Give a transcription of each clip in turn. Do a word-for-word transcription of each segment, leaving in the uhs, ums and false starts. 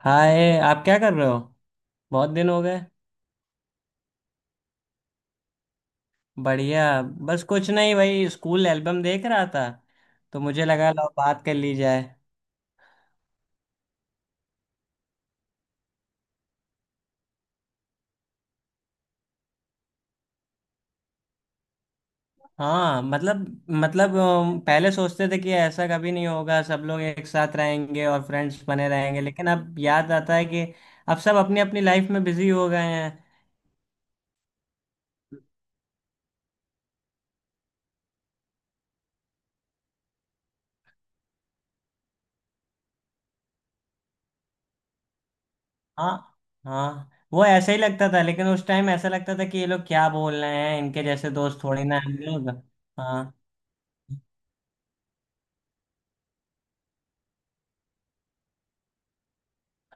हाय। आप क्या कर रहे हो? बहुत दिन हो गए। बढ़िया। बस कुछ नहीं भाई, स्कूल एल्बम देख रहा था, तो मुझे लगा लो बात कर ली जाए। हाँ, मतलब मतलब अम, पहले सोचते थे कि ऐसा कभी नहीं होगा, सब लोग एक साथ रहेंगे और फ्रेंड्स बने रहेंगे, लेकिन अब याद आता है कि अब सब अपनी अपनी लाइफ में बिजी हो गए हैं। हाँ, हाँ, वो ऐसा ही लगता था, लेकिन उस टाइम ऐसा लगता था कि ये लोग क्या बोल रहे हैं, इनके जैसे दोस्त थोड़ी ना हैं हम लोग। हाँ,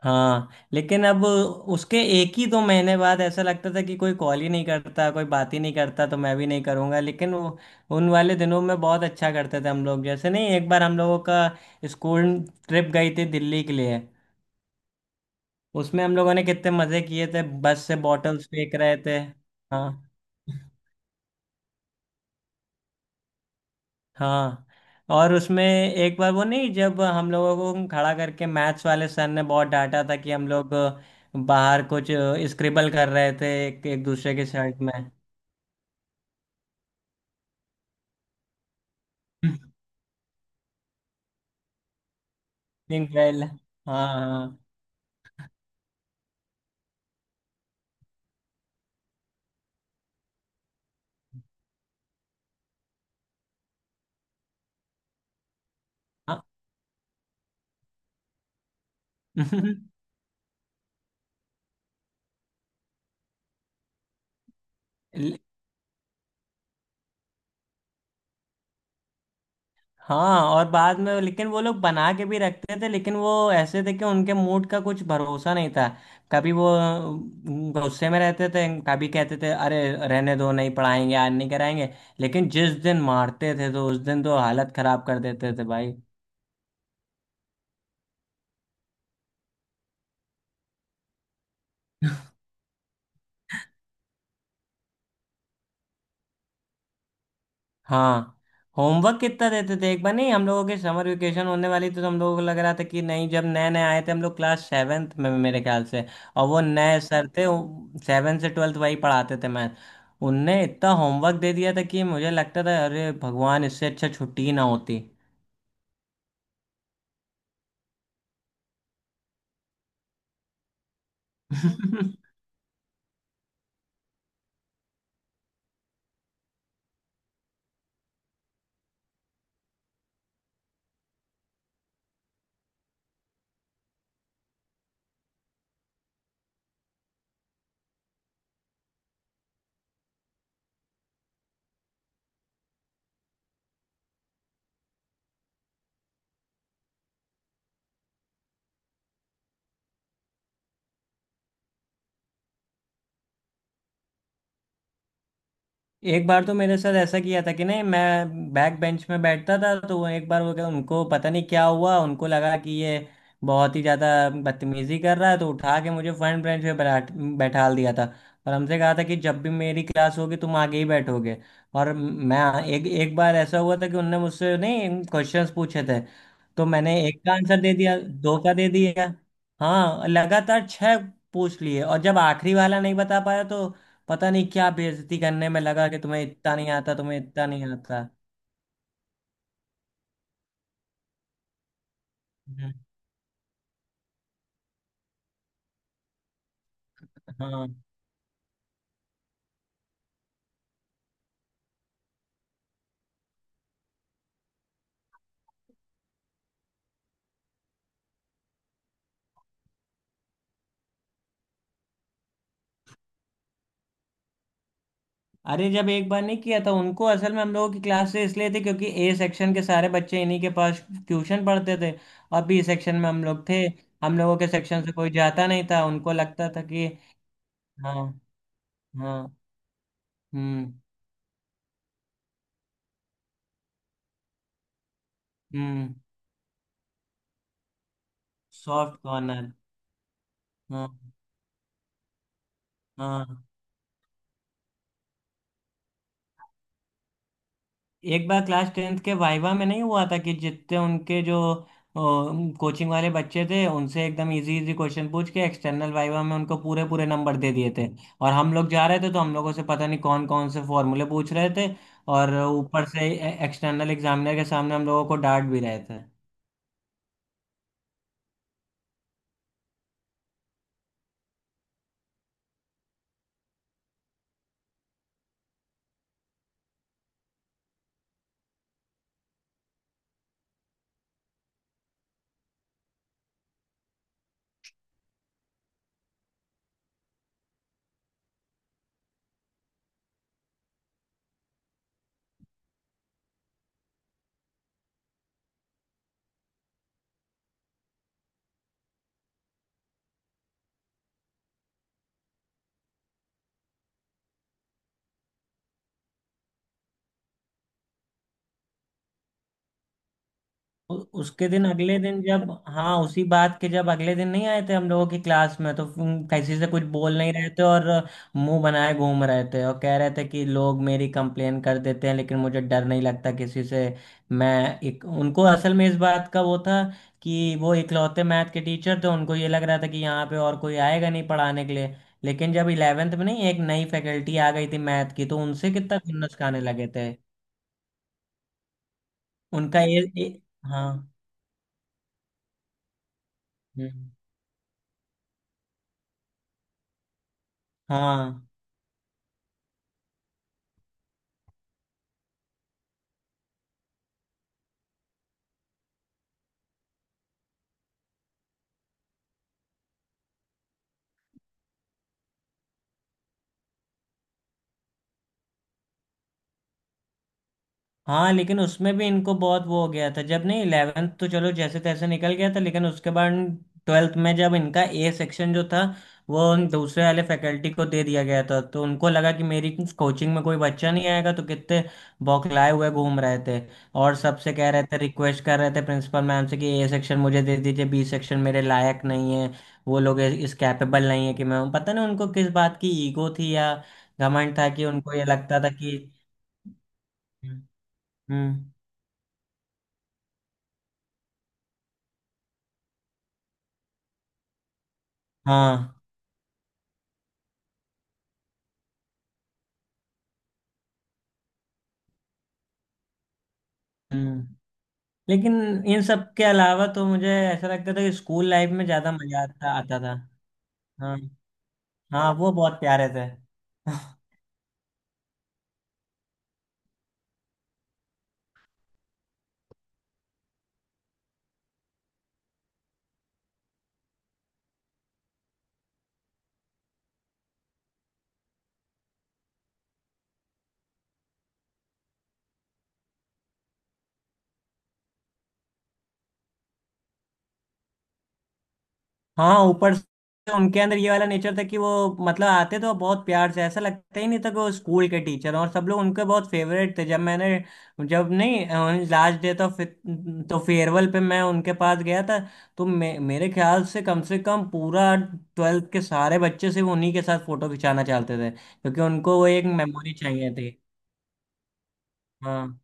हाँ, लेकिन अब उसके एक ही दो महीने बाद ऐसा लगता था कि कोई कॉल ही नहीं करता, कोई बात ही नहीं करता, तो मैं भी नहीं करूँगा, लेकिन वो उन वाले दिनों में बहुत अच्छा करते थे हम लोग। जैसे नहीं, एक बार हम लोगों का स्कूल ट्रिप गई थी दिल्ली के लिए। उसमें हम लोगों ने कितने मज़े किए थे, बस से बॉटल्स फेंक रहे थे। हाँ, हाँ, और उसमें एक बार वो नहीं, जब हम लोगों को खड़ा करके मैथ्स वाले सर ने बहुत डांटा था कि हम लोग बाहर कुछ स्क्रिबल कर रहे थे एक, एक दूसरे के शर्ट में। इंक्रेल। हाँ, हाँ, हाँ। हाँ, और बाद में लेकिन वो लोग बना के भी रखते थे, लेकिन वो ऐसे थे कि उनके मूड का कुछ भरोसा नहीं था। कभी वो अ, गुस्से में रहते थे, कभी कहते थे अरे रहने दो, नहीं पढ़ाएंगे आज, नहीं कराएंगे। लेकिन जिस दिन मारते थे तो उस दिन तो हालत खराब कर देते थे भाई। हाँ, होमवर्क कितना देते थे! एक बार नहीं, हम लोगों के समर वेकेशन होने वाली थी, तो हम लोगों को लग रहा था कि नहीं, जब नए नए आए थे हम लोग क्लास सेवेंथ में मेरे ख्याल से, और वो नए सर थे। सेवेंथ से ट्वेल्थ वही पढ़ाते थे मैथ। उनने इतना होमवर्क दे दिया था कि मुझे लगता था अरे भगवान, इससे अच्छा छुट्टी ही ना होती। एक बार तो मेरे साथ ऐसा किया था कि नहीं, मैं बैक बेंच में बैठता था, तो वो एक बार, वो क्या उनको पता नहीं क्या हुआ, उनको लगा कि ये बहुत ही ज़्यादा बदतमीजी कर रहा है तो उठा के मुझे फ्रंट बेंच पे बैठ बैठाल दिया था। और हमसे कहा था कि जब भी मेरी क्लास होगी तुम आगे ही बैठोगे, और मैं एक एक बार ऐसा हुआ था कि उनने मुझसे नहीं क्वेश्चंस पूछे थे, तो मैंने एक का आंसर दे दिया, दो का दे दिया। हाँ, लगातार छः पूछ लिए, और जब आखिरी वाला नहीं बता पाया तो पता नहीं क्या बेइज्जती करने में लगा कि तुम्हें इतना नहीं आता, तुम्हें इतना नहीं आता। हम्म, हाँ, अरे जब एक बार नहीं किया था, उनको असल में हम लोगों की क्लास से इसलिए थी क्योंकि ए सेक्शन के सारे बच्चे इन्हीं के पास ट्यूशन पढ़ते थे, और बी सेक्शन में हम लोग थे। हम लोगों के सेक्शन से कोई जाता नहीं था, उनको लगता था कि हाँ। हाँ। हम्म। हम्म। Soft corner. हाँ। हाँ, एक बार क्लास टेंथ के वाइवा में नहीं हुआ था कि जितने उनके जो कोचिंग वाले बच्चे थे उनसे एकदम इजी इजी क्वेश्चन पूछ के एक्सटर्नल वाइवा में उनको पूरे पूरे नंबर दे दिए थे, और हम लोग जा रहे थे तो हम लोगों से पता नहीं कौन कौन से फॉर्मूले पूछ रहे थे। और ऊपर से एक्सटर्नल एग्जामिनर के सामने हम लोगों को डांट भी रहे थे। उ- उसके दिन, अगले दिन, जब हाँ, उसी बात के, जब अगले दिन नहीं आए थे हम लोगों की क्लास में, तो फिर किसी से कुछ बोल नहीं रहे थे, और मुंह बनाए घूम रहे थे और कह रहे थे कि लोग मेरी कंप्लेन कर देते हैं लेकिन मुझे डर नहीं लगता किसी से। मैं एक उनको असल में इस बात का वो था कि वो इकलौते मैथ के टीचर थे, उनको ये लग रहा था कि यहाँ पे और कोई आएगा नहीं पढ़ाने के लिए। लेकिन जब इलेवेंथ में नहीं एक नई फैकल्टी आ गई थी मैथ की, तो उनसे कितना खुन्नस खाने लगे थे। उनका ये, ये। हाँ। हम्म, हाँ। हाँ, लेकिन उसमें भी इनको बहुत वो हो गया था, जब नहीं इलेवेंथ तो चलो जैसे तैसे निकल गया था, लेकिन उसके बाद ट्वेल्थ में जब इनका ए सेक्शन जो था वो उन दूसरे वाले फैकल्टी को दे दिया गया था, तो उनको लगा कि मेरी कोचिंग में कोई बच्चा नहीं आएगा, तो कितने बौखलाए हुए घूम रहे थे। और सबसे कह रहे थे, रिक्वेस्ट कर रहे थे प्रिंसिपल मैम से कि ए सेक्शन मुझे दे दीजिए, बी सेक्शन मेरे लायक नहीं है। वो लोग इस कैपेबल नहीं है कि मैं, पता नहीं उनको किस बात की ईगो थी या घमंड था कि उनको ये लगता था कि हम्म। हाँ। हम्म। लेकिन इन सब के अलावा तो मुझे ऐसा लगता था कि स्कूल लाइफ में ज्यादा मजा आता आता था। हाँ। हाँ, वो बहुत प्यारे थे। हाँ, ऊपर से उनके अंदर ये वाला नेचर था कि वो, मतलब, आते तो बहुत प्यार से, ऐसा लगता ही नहीं था कि वो स्कूल के टीचर, और सब लोग उनके बहुत फेवरेट थे। जब मैंने, जब नहीं लास्ट डे तो फिर- तो फेयरवेल पे मैं उनके पास गया था, तो मे, मेरे ख्याल से कम से कम पूरा ट्वेल्थ के सारे बच्चे सिर्फ उन्हीं के साथ फोटो खिंचाना चाहते थे, क्योंकि उनको वो एक मेमोरी चाहिए थी। हाँ।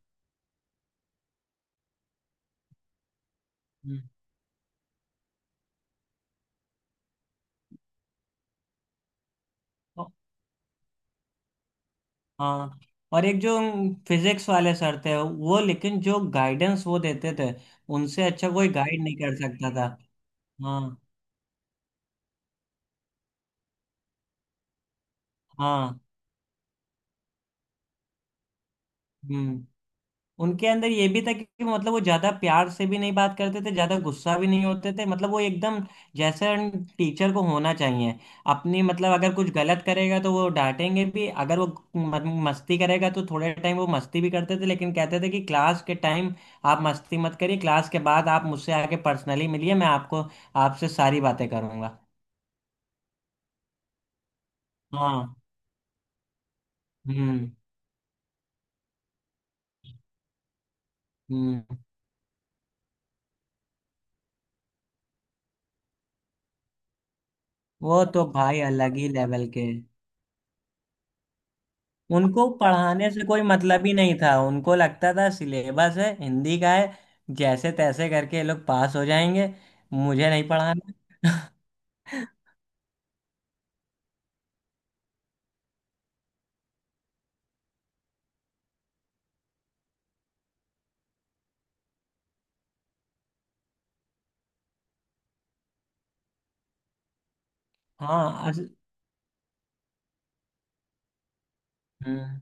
हम्म। हाँ, और एक जो फिजिक्स वाले सर थे वो, लेकिन जो गाइडेंस वो देते थे उनसे अच्छा कोई गाइड नहीं कर सकता था। हाँ। हाँ। हम्म। उनके अंदर ये भी था कि, मतलब, वो ज्यादा प्यार से भी नहीं बात करते थे, ज्यादा गुस्सा भी नहीं होते थे, मतलब वो एकदम जैसे टीचर को होना चाहिए। अपनी, मतलब, अगर कुछ गलत करेगा तो वो डांटेंगे भी, अगर वो म- मस्ती करेगा तो थोड़े टाइम वो मस्ती भी करते थे, लेकिन कहते थे कि क्लास के टाइम आप मस्ती मत करिए, क्लास के बाद आप मुझसे आके पर्सनली मिलिए, मैं आपको आपसे सारी बातें करूंगा। हाँ। हम्म। हम्म। वो तो भाई अलग ही लेवल के। उनको पढ़ाने से कोई मतलब ही नहीं था, उनको लगता था सिलेबस है, हिंदी का है, जैसे तैसे करके ये लोग पास हो जाएंगे, मुझे नहीं पढ़ाना। हाँ। अस- हम्म,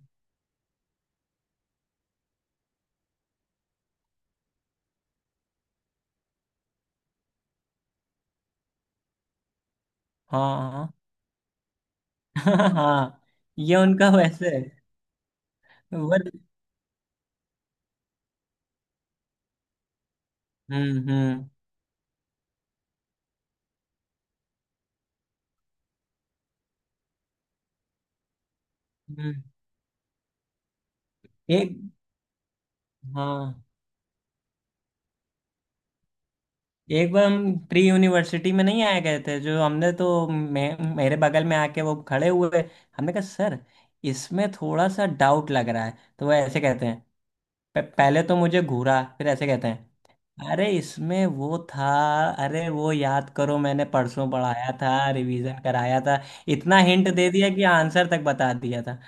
हाँ, हाँ। हाँ, ये उनका वैसे है वो। हम्म। हम्म। हम्म, एक हाँ, एक बार हम प्री यूनिवर्सिटी में नहीं आए गए थे जो हमने, तो मे, मेरे बगल में आके वो खड़े हुए। हमने कहा सर, इसमें थोड़ा सा डाउट लग रहा है, तो वो ऐसे कहते हैं, प- पहले तो मुझे घूरा, फिर ऐसे कहते हैं, अरे इसमें वो था, अरे वो याद करो मैंने परसों पढ़ाया था, रिवीजन कराया था। इतना हिंट दे दिया कि आंसर तक बता दिया था।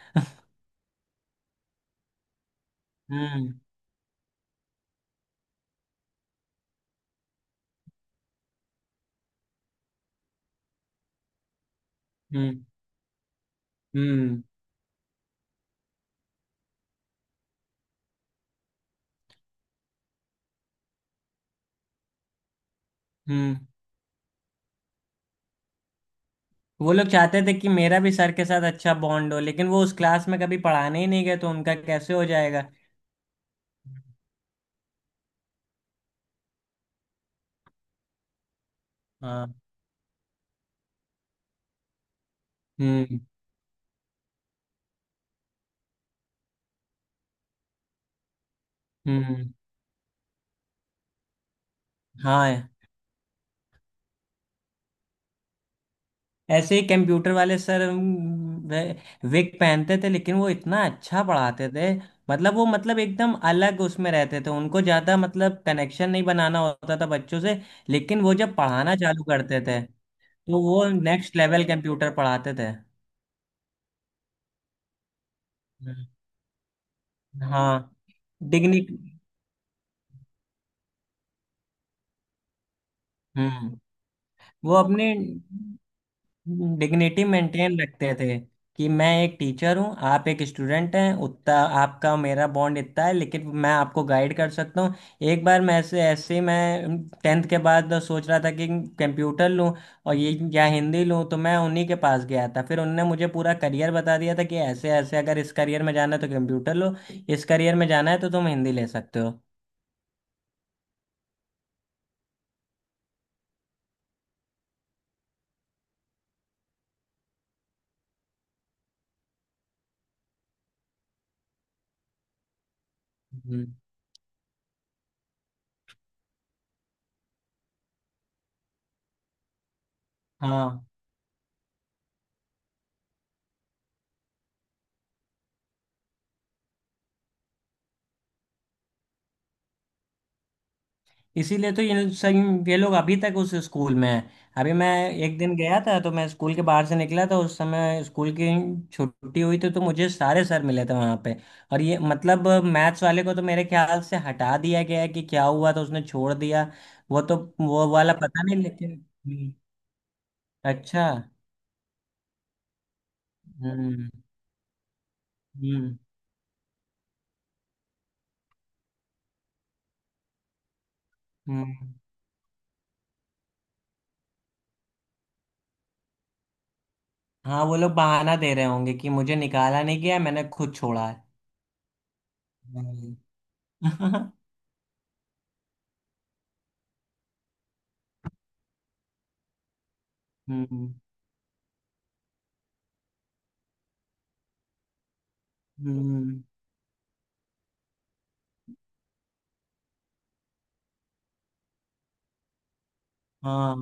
हम्म। हम्म। हम्म। हम्म। वो लोग चाहते थे कि मेरा भी सर के साथ अच्छा बॉन्ड हो, लेकिन वो उस क्लास में कभी पढ़ाने ही नहीं गए तो उनका कैसे हो जाएगा। हाँ। हम्म। हम्म। हाँ, ऐसे ही कंप्यूटर वाले सर, हम्म, वे, विग पहनते थे, लेकिन वो इतना अच्छा पढ़ाते थे, मतलब वो, मतलब, एकदम अलग उसमें रहते थे, उनको ज़्यादा, मतलब, कनेक्शन नहीं बनाना होता था बच्चों से। लेकिन वो जब पढ़ाना चालू करते थे तो वो नेक्स्ट लेवल कंप्यूटर पढ़ाते थे। हम्म। हाँ। डिग्निक हम्म, वो अपनी डिग्निटी मेंटेन रखते थे कि मैं एक टीचर हूँ, आप एक स्टूडेंट हैं, उतना आपका मेरा बॉन्ड इतना है, लेकिन मैं आपको गाइड कर सकता हूँ। एक बार मैं ऐसे ऐसे ही मैं टेंथ के बाद सोच रहा था कि कंप्यूटर लूँ और ये, या हिंदी लूँ, तो मैं उन्हीं के पास गया था, फिर उनने मुझे पूरा करियर बता दिया था कि ऐसे ऐसे अगर इस करियर में जाना है तो कंप्यूटर लो, इस करियर में जाना है तो तुम हिंदी ले सकते हो। हम्म। हाँ। इसीलिए तो ये सब ये लोग अभी तक उस स्कूल में हैं। अभी मैं एक दिन गया था तो मैं स्कूल के बाहर से निकला था, उस समय स्कूल की छुट्टी हुई थी तो मुझे सारे सर मिले थे वहाँ पे, और ये मतलब मैथ्स वाले को तो मेरे ख्याल से हटा दिया गया है कि क्या हुआ, तो उसने छोड़ दिया। वो तो वो वाला पता नहीं, लेकिन हम्म। अच्छा। हम्म। हम्म। हम्म। हाँ, वो लोग बहाना दे रहे होंगे कि मुझे निकाला नहीं गया, मैंने खुद छोड़ा है। हम्म। हम्म। हम्म, हाँ,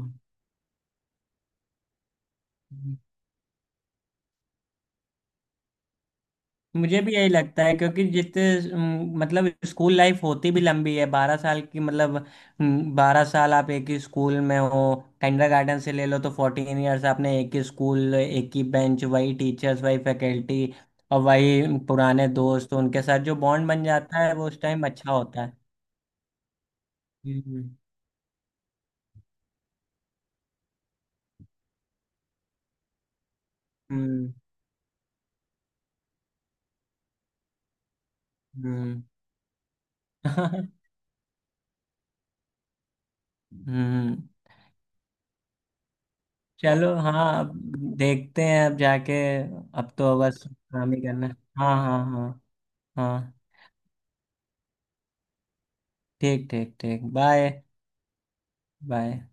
मुझे भी यही लगता है, क्योंकि जितने अम, मतलब स्कूल लाइफ होती भी लंबी है बारह साल की, मतलब अम, बारह साल आप एक ही स्कूल में हो। गार्डन से ले लो तो फोर्टीन इयर्स आपने एक ही स्कूल, एक ही बेंच, वही टीचर्स, वही फैकल्टी और वही पुराने दोस्त, तो उनके साथ जो बॉन्ड बन जाता है वो उस टाइम अच्छा होता है। हम्म। हम्म। हम्म। हम्म। चलो। हाँ, अब देखते हैं अब जाके। अब तो बस काम ही करना है। हाँ, हाँ, हाँ। हाँ, ठीक, ठीक, ठीक। बाय। बाय।